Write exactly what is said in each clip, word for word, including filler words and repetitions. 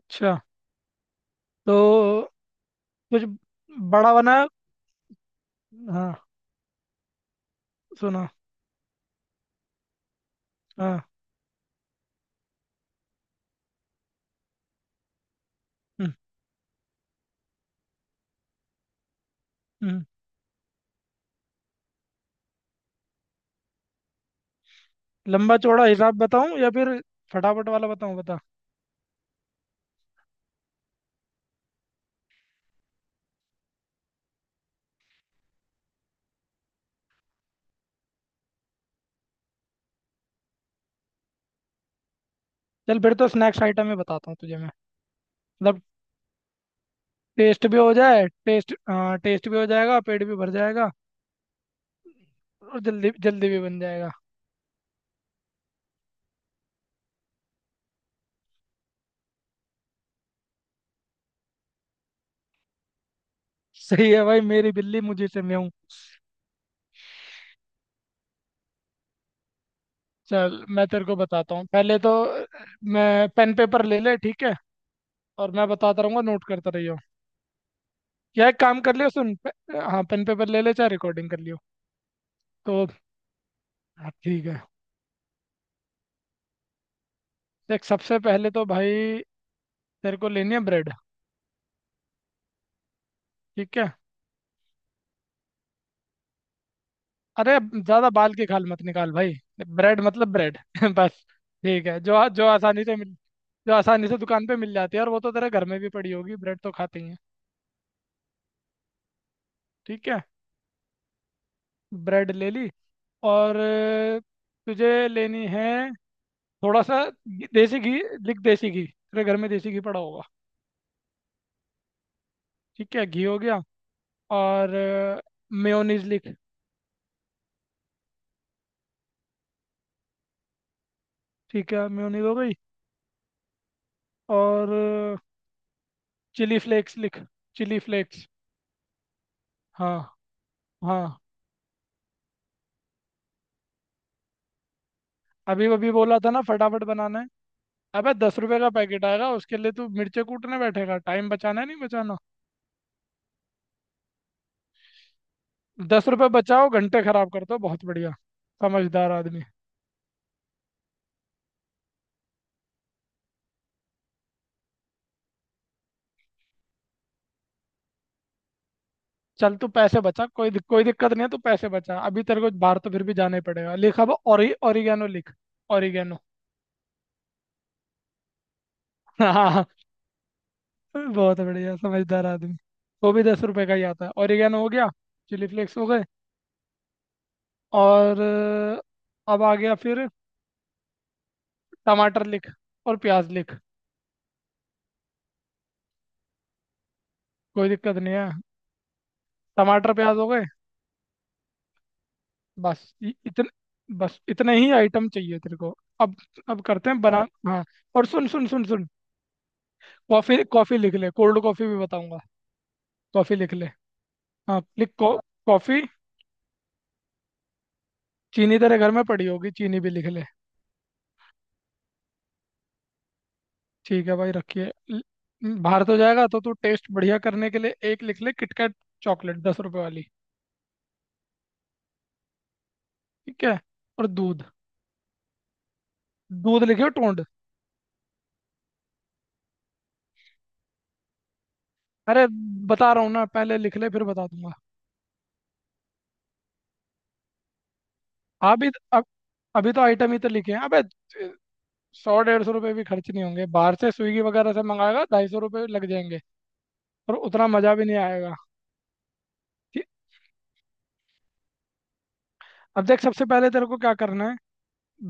अच्छा। तो कुछ बड़ा बना। हाँ, सुना। हाँ। हम्म। हम्म। लंबा चौड़ा हिसाब बताऊं या फिर फटाफट वाला बताऊं, बता। चल फिर तो स्नैक्स आइटम में बताता हूँ तुझे मैं। मतलब टेस्ट भी हो जाए, टेस्ट, हाँ टेस्ट भी हो जाएगा, पेट भी भर जाएगा। और जल्दी जल्दी भी बन जाएगा। सही है भाई, मेरी बिल्ली मुझे से मैं हूँ। चल मैं तेरे को बताता हूँ। पहले तो अ, मैं पेन पेपर ले ले, ठीक है। और मैं बताता रहूंगा, नोट करता रहियो। या एक काम कर लियो, सुन पे, हाँ पेन पेपर ले ले, चाहे रिकॉर्डिंग कर लियो। तो हाँ ठीक है। देख सबसे पहले तो भाई, तेरे को लेनी है ब्रेड। ठीक है। अरे ज्यादा बाल की खाल मत निकाल भाई। ब्रेड मतलब ब्रेड बस। ठीक है, जो आ- जो आसानी से मिल, जो आसानी से दुकान पे मिल जाती है, और वो तो तेरे घर में भी पड़ी होगी, ब्रेड तो खाते ही हैं। ठीक है, ब्रेड ले ली। और अ, तुझे लेनी है थोड़ा सा घी- देसी घी। लिख देसी घी, तेरे घर में देसी घी पड़ा होगा। ठीक है, घी हो गया। और मेयोनीज लिख। ठीक है, मेयोनीज हो गई। और चिली फ्लेक्स लिख। Chilli flakes. हाँ। हाँ अभी अभी बोला था ना, फटाफट बनाना है। अबे दस रुपए का पैकेट आएगा, उसके लिए तू मिर्चे कूटने बैठेगा? टाइम बचाना है नहीं बचाना? दस रुपए बचाओ, घंटे खराब कर दो, बहुत बढ़िया समझदार आदमी। चल तू पैसे बचा, कोई दिक, कोई दिक्कत नहीं है। तू पैसे बचा, अभी तेरे को बाहर तो फिर भी जाना ही पड़ेगा। लिख अब, ओरि ओरिगेनो लिख। ओरिगेनो। हाँ बहुत बढ़िया समझदार आदमी। वो भी दस रुपए का ही आता है। ओरिगेनो हो गया, चिली फ्लेक्स हो गए। और अ, अब आ गया फिर, टमाटर लिख और प्याज लिख। कोई दिक्कत नहीं है, टमाटर प्याज हो गए। बस इ- इतने बस इतने ही आइटम चाहिए तेरे को। अब अब करते हैं बना, हाँ। और सुन सुन सुन सुन, कॉफी कॉफी लिख ले, कोल्ड कॉफी भी बताऊंगा। कॉफी लिख ले। हाँ लिख, कॉ- कॉफी। चीनी तेरे घर में पड़ी होगी, चीनी भी लिख ले। ठीक है भाई, रखिए ल- बाहर तो जाएगा तो तू, टेस्ट बढ़िया करने के लिए एक लिख ले किटकैट चॉकलेट दस रुपए वाली। ठीक है। और दूध, दूध लिखे टोंड। अरे बता रहा हूँ ना, पहले लिख ले फिर बता दूंगा। अभी तो, अब अभी तो आइटम ही तो लिखे हैं अबे। सौ डेढ़ सौ रुपये भी खर्च नहीं होंगे, बाहर से स्विगी वगैरह से मंगाएगा ढाई सौ रुपये लग जाएंगे। और उतना मज़ा भी नहीं आएगा। ठीक- अब देख सबसे पहले तेरे को क्या करना है।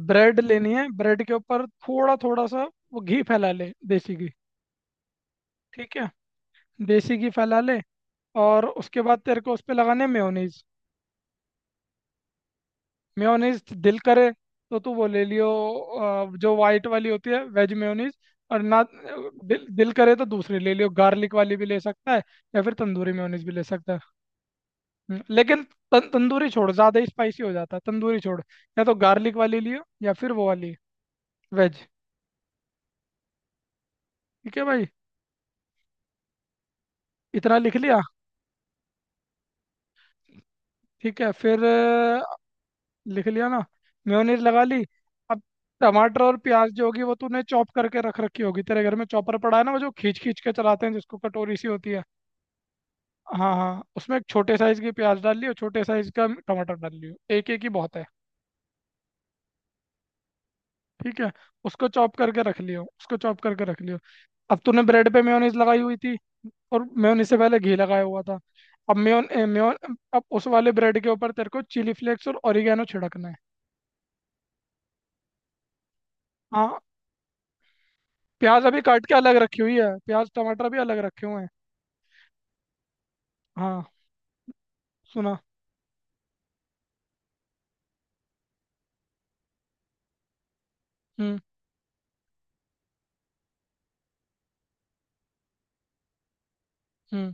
ब्रेड लेनी है, ब्रेड के ऊपर थोड़ा थोड़ा सा वो घी फैला ले, देसी घी। ठीक है, देसी घी फैला ले। और उसके बाद तेरे को उस पर लगाने मेयोनीज। मेयोनीज दिल करे तो तू वो ले लियो, अ, जो वाइट वाली होती है, वेज मेयोनीज। और ना, दिल, दिल करे तो दूसरी ले लियो, गार्लिक वाली भी ले सकता है। या फिर तंदूरी मेयोनीज भी ले सकता है। हम्म, लेकिन तं- तंदूरी छोड़, ज़्यादा ही स्पाइसी हो जाता है, तंदूरी छोड़। या तो गार्लिक वाली लियो, या फिर वो वाली, वेज। ठीक है भाई, इतना लिख लिया। ठीक है फिर, लिख लिया ना। मेयोनीज लगा ली। अब टमाटर और प्याज जो होगी वो तूने चॉप करके रख रखी होगी। तेरे घर में चॉपर पड़ा है ना, वो जो खींच खींच के चलाते हैं, जिसको कटोरी सी होती है। हाँ हाँ, उसमें एक छोटे साइज की प्याज डाल लियो, छोटे साइज का टमाटर डाल लियो, एक एक ही बहुत है। ठीक है, उसको चॉप करके रख लियो, उसको चॉप करके रख लियो। अब तूने ब्रेड पे मेयोनीज लगाई हुई थी, और मेयोनीज से पहले घी लगाया हुआ था। अब मेयोन ए, मेयोन अब उस वाले ब्रेड के ऊपर तेरे को चिली फ्लेक्स और ओरिगेनो छिड़कना है। हाँ, प्याज अभी काट के अलग रखी हुई है, प्याज टमाटर भी अलग रखे हुए हैं। हाँ, सुना। हम्म हम्म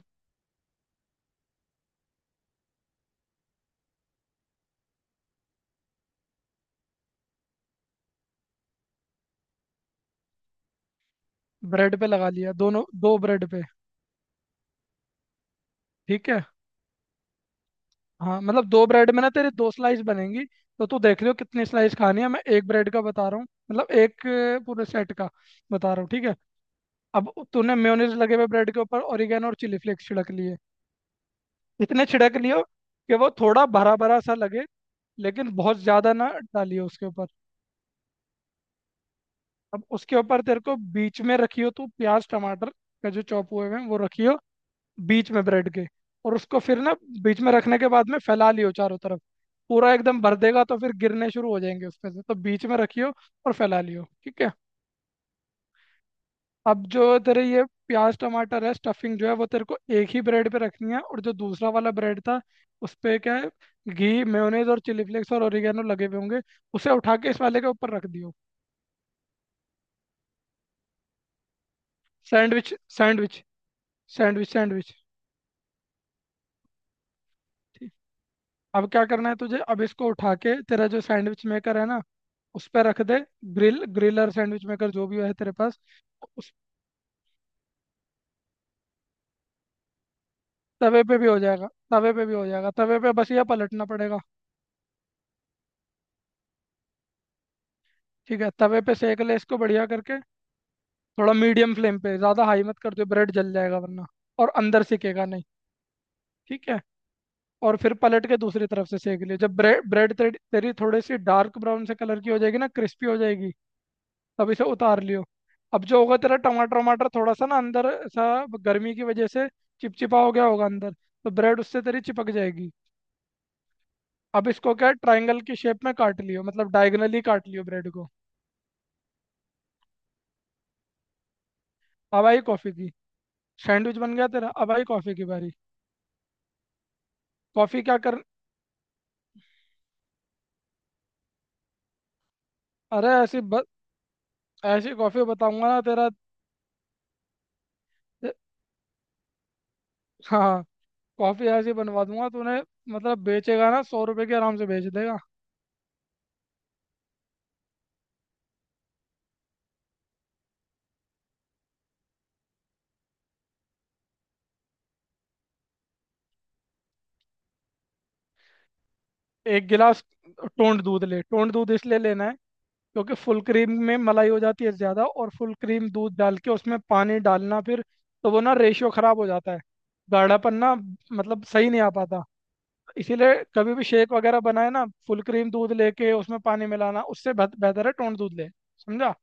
ब्रेड पे लगा लिया, दोनों दो ब्रेड पे। ठीक है। हाँ मतलब दो ब्रेड में ना तेरे दो स्लाइस बनेंगी। तो तू देख लियो कितनी स्लाइस खानी है, मैं एक ब्रेड का बता रहा हूँ। मतलब एक अ, पूरे सेट का बता रहा हूँ, ठीक है। अब तूने मेयोनीज लगे हुए ब्रेड के ऊपर ओरिगेनो और चिली फ्लेक्स छिड़क लिए। इतने छिड़क लियो कि वो थोड़ा भरा भरा सा लगे, लेकिन बहुत ज़्यादा ना डालियो उसके ऊपर। अब उसके ऊपर तेरे को बीच में रखियो तू प्याज टमाटर का जो चॉप हुए हुए हैं, वो रखियो बीच में ब्रेड के। और उसको फिर ना, बीच में रखने के बाद में फैला लियो चारों तरफ। पूरा एकदम भर देगा तो फिर गिरने शुरू हो जाएंगे उसमें से, तो बीच में रखियो और फैला लियो, ठीक है। अब जो तेरे ये प्याज टमाटर है स्टफिंग जो है, वो तेरे को एक ही ब्रेड पे रखनी है, और जो दूसरा वाला ब्रेड था उस पे क्या है, घी मेयोनेज और चिली फ्लेक्स और ओरिगेनो लगे हुए होंगे। उसे उठा के इस वाले के ऊपर रख दियो। Sandwich, sandwich, sandwich, sandwich. अब क्या करना है तुझे, अब इसको उठा के तेरा जो सैंडविच मेकर है ना, उस पर रख दे। ग्रिल ग्रिलर, सैंडविच मेकर, जो भी है तेरे पास। उस तवे पे भी हो जाएगा, तवे पे भी हो जाएगा, तवे पे बस ये पलटना पड़ेगा। ठीक है, तवे पे सेक ले इसको बढ़िया करके। थोड़ा मीडियम फ्लेम पे, ज़्यादा हाई मत कर दो, ब्रेड जल जाएगा वरना, और अंदर सिकेगा नहीं। ठीक है। और फिर पलट के दूसरी तरफ से सेक ले, जब ब्रेड ब्रेड तेरी तेरी थोड़ी सी डार्क ब्राउन से कलर की हो जाएगी ना, क्रिस्पी हो जाएगी, अब इसे उतार लियो। अब जो होगा तेरा टमाटर वमाटर थोड़ा सा ना अंदर सा, गर्मी की वजह से चिपचिपा हो गया होगा अंदर, तो ब्रेड उससे तेरी चिपक जाएगी। अब इसको क्या, ट्रायंगल की शेप में काट लियो, मतलब डायगनली काट लियो ब्रेड को। अब आई कॉफ़ी की सैंडविच बन गया तेरा, अब आई कॉफ़ी की बारी। कॉफ़ी क्या कर, अरे ऐसी ब... ऐसी कॉफ़ी बताऊंगा ना तेरा, हाँ। कॉफ़ी ऐसी बनवा दूंगा तूने, मतलब बेचेगा ना सौ रुपए के आराम से बेच देगा। एक गिलास टोंड दूध ले। टोंड दूध इसलिए लेना है, क्योंकि फुल क्रीम में मलाई हो जाती है ज़्यादा, और फुल क्रीम दूध डाल के उसमें पानी डालना फिर, तो वो ना रेशियो ख़राब हो जाता है, गाढ़ापन ना मतलब सही नहीं आ पाता। इसीलिए कभी भी शेक वगैरह बनाए ना, फुल क्रीम दूध लेके उसमें पानी मिलाना उससे बेह- बेहतर है टोंड दूध ले। समझा।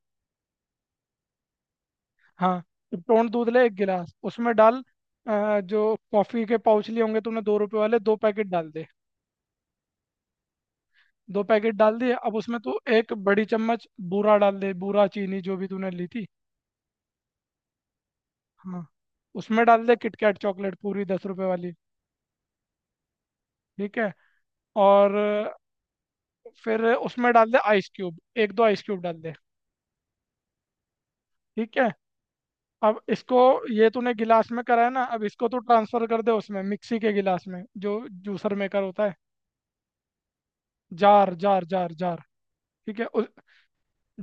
हाँ, तो टोंड दूध ले एक गिलास, उसमें डाल अ, जो कॉफ़ी के पाउच लिए होंगे तूने दो रुपए वाले, दो पैकेट डाल दे। दो पैकेट डाल दिए, अब उसमें तू एक बड़ी चम्मच बूरा डाल दे, बूरा चीनी जो भी तूने ली थी। हाँ, उसमें डाल दे किटकैट चॉकलेट पूरी दस रुपए वाली। ठीक है। और फिर उसमें डाल दे आइस क्यूब, एक दो आइस क्यूब डाल दे। ठीक है। अब इसको, ये तूने गिलास में करा है ना, अब इसको तू ट्रांसफर कर दे उसमें मिक्सी के गिलास में, जो जूसर मेकर होता है, जार, जार, जार, जार। ठीक है, उस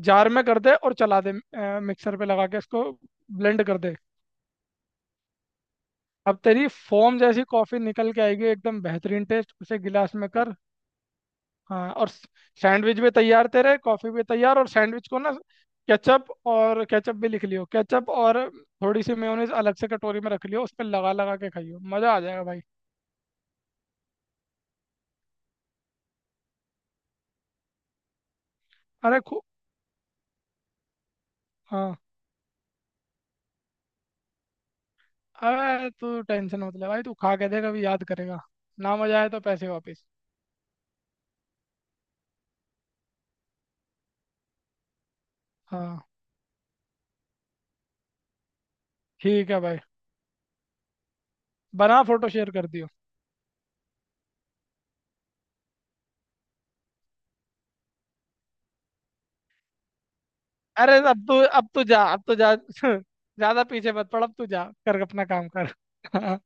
जार में कर दे और चला दे, अ, मिक्सर पे लगा के इसको ब्लेंड कर दे। अब तेरी फोम जैसी कॉफी निकल के आएगी, एकदम बेहतरीन टेस्ट, उसे गिलास में कर। हाँ, और सैंडविच भी तैयार तेरे, कॉफी भी तैयार। और सैंडविच को ना, केचप, और केचप भी लिख लियो, केचप और थोड़ी सी मेयोनीज अलग से कटोरी में रख लियो, उस पर लगा लगा के खाइयो, मजा आ जाएगा भाई। अरे खू हाँ, अरे तू टेंशन मत ले भाई, तू खा के देख, अभी याद करेगा, ना मजा आए तो पैसे वापस। हाँ ठीक है भाई, बना फोटो शेयर कर दियो। अरे अब तू अब तू जा, अब तू जा ज्यादा पीछे मत पड़, अब तू जा कर अपना काम कर हाँ।